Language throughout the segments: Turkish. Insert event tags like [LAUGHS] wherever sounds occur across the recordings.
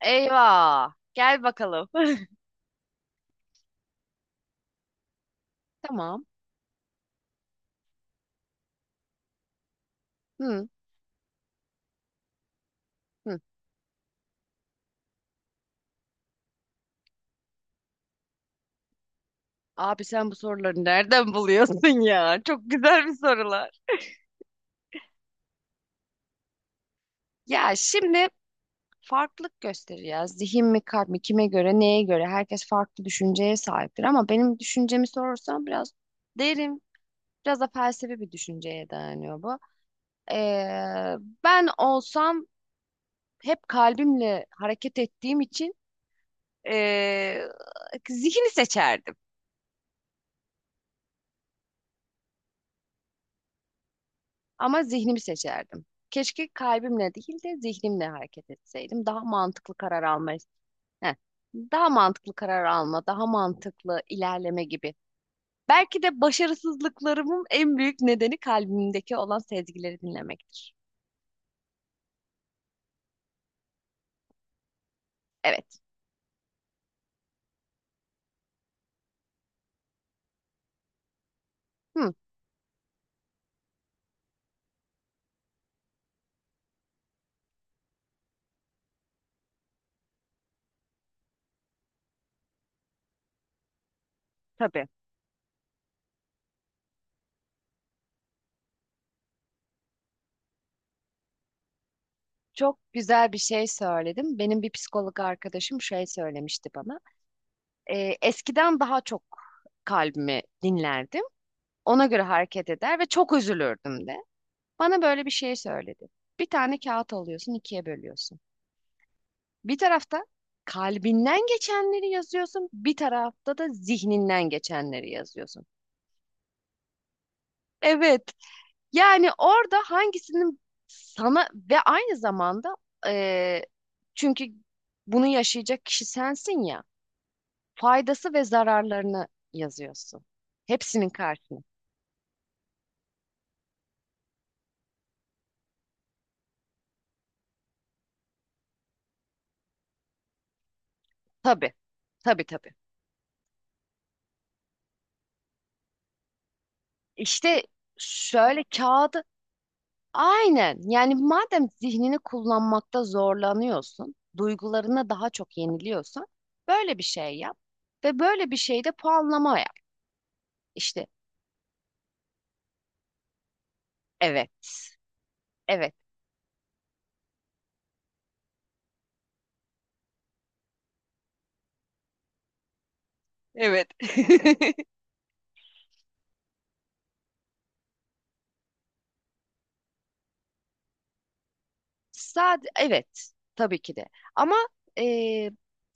Eyvah. Gel bakalım. [LAUGHS] Tamam. Hı, hı. Abi sen bu soruları nereden buluyorsun ya? Çok güzel bir sorular. Ya şimdi farklılık gösterir ya. Zihin mi kalp mi kime göre neye göre herkes farklı düşünceye sahiptir ama benim düşüncemi sorarsan biraz derin biraz da felsefi bir düşünceye dayanıyor bu. Ee, Ben olsam hep kalbimle hareket ettiğim için ee, zihni seçerdim. Ama zihnimi seçerdim. Keşke kalbimle değil de zihnimle hareket etseydim. Daha mantıklı karar alma, heh, daha mantıklı karar alma, daha mantıklı ilerleme gibi. Belki de başarısızlıklarımın en büyük nedeni kalbimdeki olan sezgileri dinlemektir. Evet. Hı, tabii. Çok güzel bir şey söyledim. Benim bir psikolog arkadaşım şey söylemişti bana. Eskiden daha çok kalbimi dinlerdim. Ona göre hareket eder ve çok üzülürdüm de. Bana böyle bir şey söyledi. Bir tane kağıt alıyorsun, ikiye bölüyorsun. Bir tarafta kalbinden geçenleri yazıyorsun, bir tarafta da zihninden geçenleri yazıyorsun. Evet, yani orada hangisinin sana ve aynı zamanda eee, çünkü bunu yaşayacak kişi sensin ya, faydası ve zararlarını yazıyorsun. Hepsinin karşısına. Tabii, tabii. İşte şöyle kağıdı aynen. Yani madem zihnini kullanmakta zorlanıyorsun, duygularına daha çok yeniliyorsan, böyle bir şey yap ve böyle bir şeyde puanlama yap. İşte evet, evet. Evet. [LAUGHS] Sadece evet tabii ki de. Ama eee,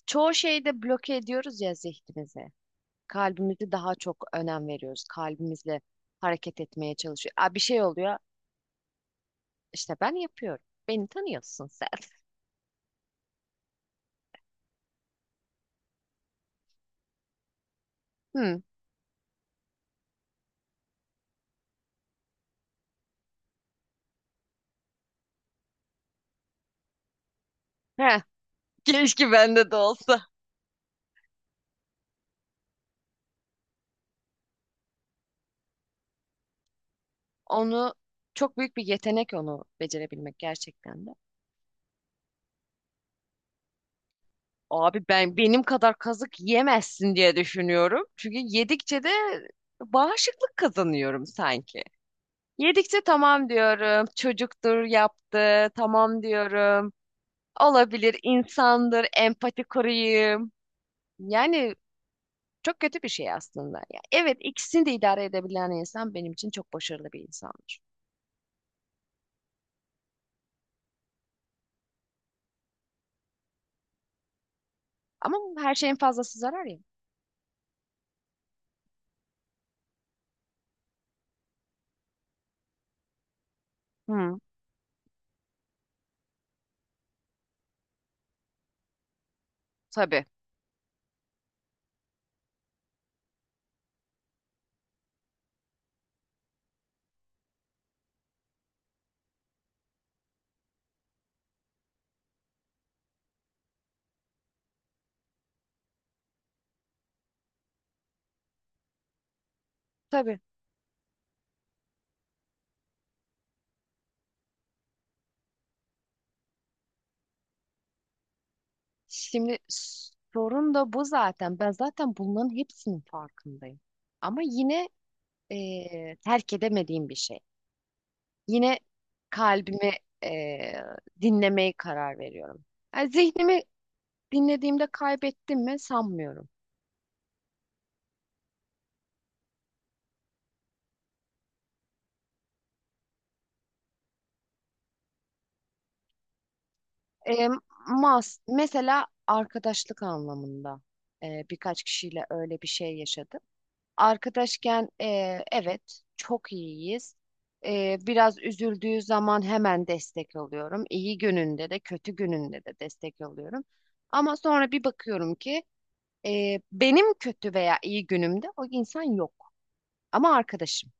çoğu şeyde bloke ediyoruz ya zihnimizi. Kalbimizi daha çok önem veriyoruz. Kalbimizle hareket etmeye çalışıyoruz. Aa, bir şey oluyor. İşte ben yapıyorum. Beni tanıyorsun sen. [LAUGHS] Hı. Heh, keşke bende de olsa. Onu çok büyük bir yetenek onu becerebilmek gerçekten de. Abi ben benim kadar kazık yemezsin diye düşünüyorum. Çünkü yedikçe de bağışıklık kazanıyorum sanki. Yedikçe tamam diyorum. Çocuktur yaptı. Tamam diyorum. Olabilir insandır. Empati kurayım. Yani çok kötü bir şey aslında. Ya evet ikisini de idare edebilen insan benim için çok başarılı bir insandır. Ama her şeyin fazlası zarar ya. Hı, tabii. Tabii. Şimdi sorun da bu zaten. Ben zaten bunların hepsinin farkındayım. Ama yine terk edemediğim bir şey. Yine kalbimi eee dinlemeye karar veriyorum. Yani zihnimi dinlediğimde kaybettim mi sanmıyorum. Eee, mas Mesela arkadaşlık anlamında birkaç kişiyle öyle bir şey yaşadım. Arkadaşken evet çok iyiyiz. Biraz üzüldüğü zaman hemen destek alıyorum. İyi gününde de kötü gününde de destek alıyorum. Ama sonra bir bakıyorum ki benim kötü veya iyi günümde o insan yok. Ama arkadaşım.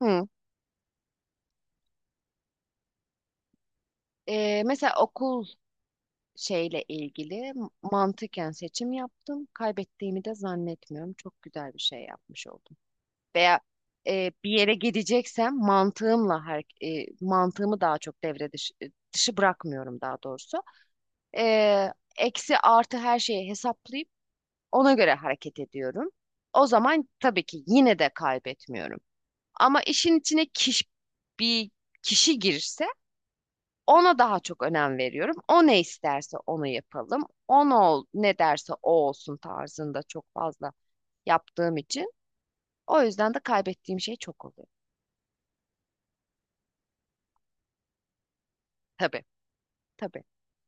Hı. Mesela okul şeyle ilgili mantıken seçim yaptım. Kaybettiğimi de zannetmiyorum. Çok güzel bir şey yapmış oldum. Veya bir yere gideceksem mantığımla mantığımı daha çok dışı bırakmıyorum daha doğrusu. Eksi artı her şeyi hesaplayıp ona göre hareket ediyorum. O zaman tabii ki yine de kaybetmiyorum. Ama bir kişi girse ona daha çok önem veriyorum. O ne isterse onu yapalım. Ne derse o olsun tarzında çok fazla yaptığım için. O yüzden de kaybettiğim şey çok oluyor. Tabii. Tabii.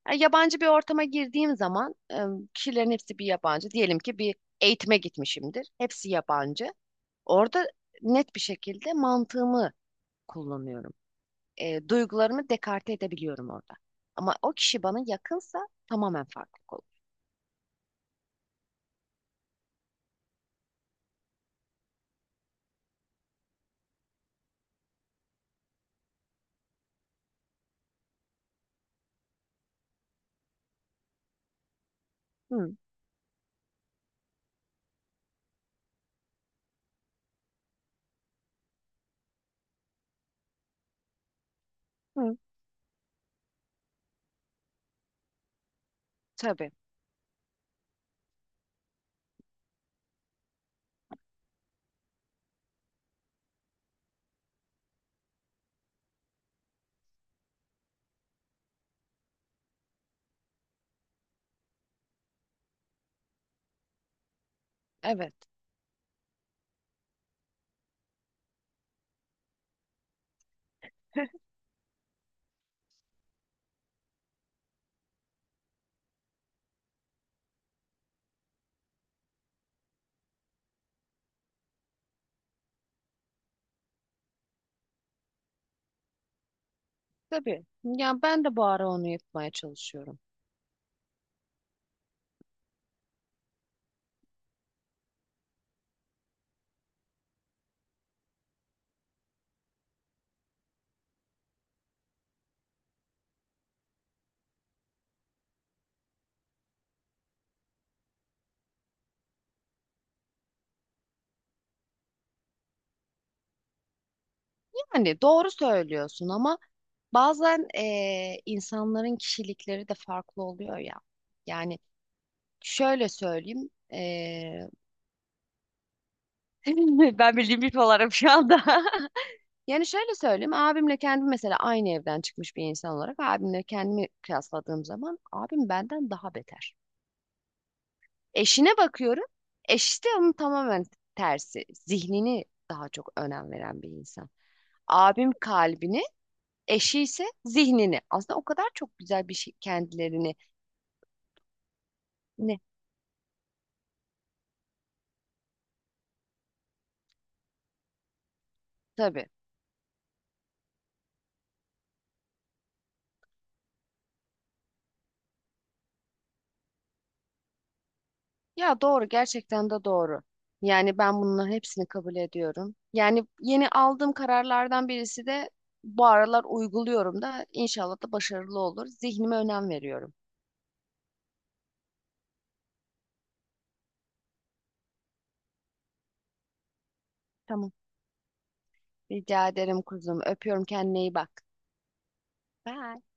Yani yabancı bir ortama girdiğim zaman kişilerin hepsi bir yabancı. Diyelim ki bir eğitime gitmişimdir. Hepsi yabancı. Orada net bir şekilde mantığımı kullanıyorum. Duygularımı dekarte edebiliyorum orada. Ama o kişi bana yakınsa tamamen farklı olur. Hı, hı, tabii. Evet. [LAUGHS] Tabii. Yani ben de bu ara onu yapmaya çalışıyorum. Yani doğru söylüyorsun ama bazen insanların kişilikleri de farklı oluyor ya. Yani Şöyle söyleyeyim. [LAUGHS] Ben bildiğim bir olarım şu anda. [LAUGHS] Yani şöyle söyleyeyim. Abimle kendim mesela aynı evden çıkmış bir insan olarak abimle kendimi kıyasladığım zaman abim benden daha beter. Eşine bakıyorum. Eşi de onun tamamen tersi. Zihnini daha çok önem veren bir insan. Abim kalbini, eşi ise zihnini. Aslında o kadar çok güzel bir şey kendilerini ne tabii. Ya doğru gerçekten de doğru. Yani ben bunların hepsini kabul ediyorum. Yani yeni aldığım kararlardan birisi de bu aralar uyguluyorum da inşallah da başarılı olur. Zihnime önem veriyorum. Tamam. Rica ederim kuzum. Öpüyorum kendine iyi bak. Bye.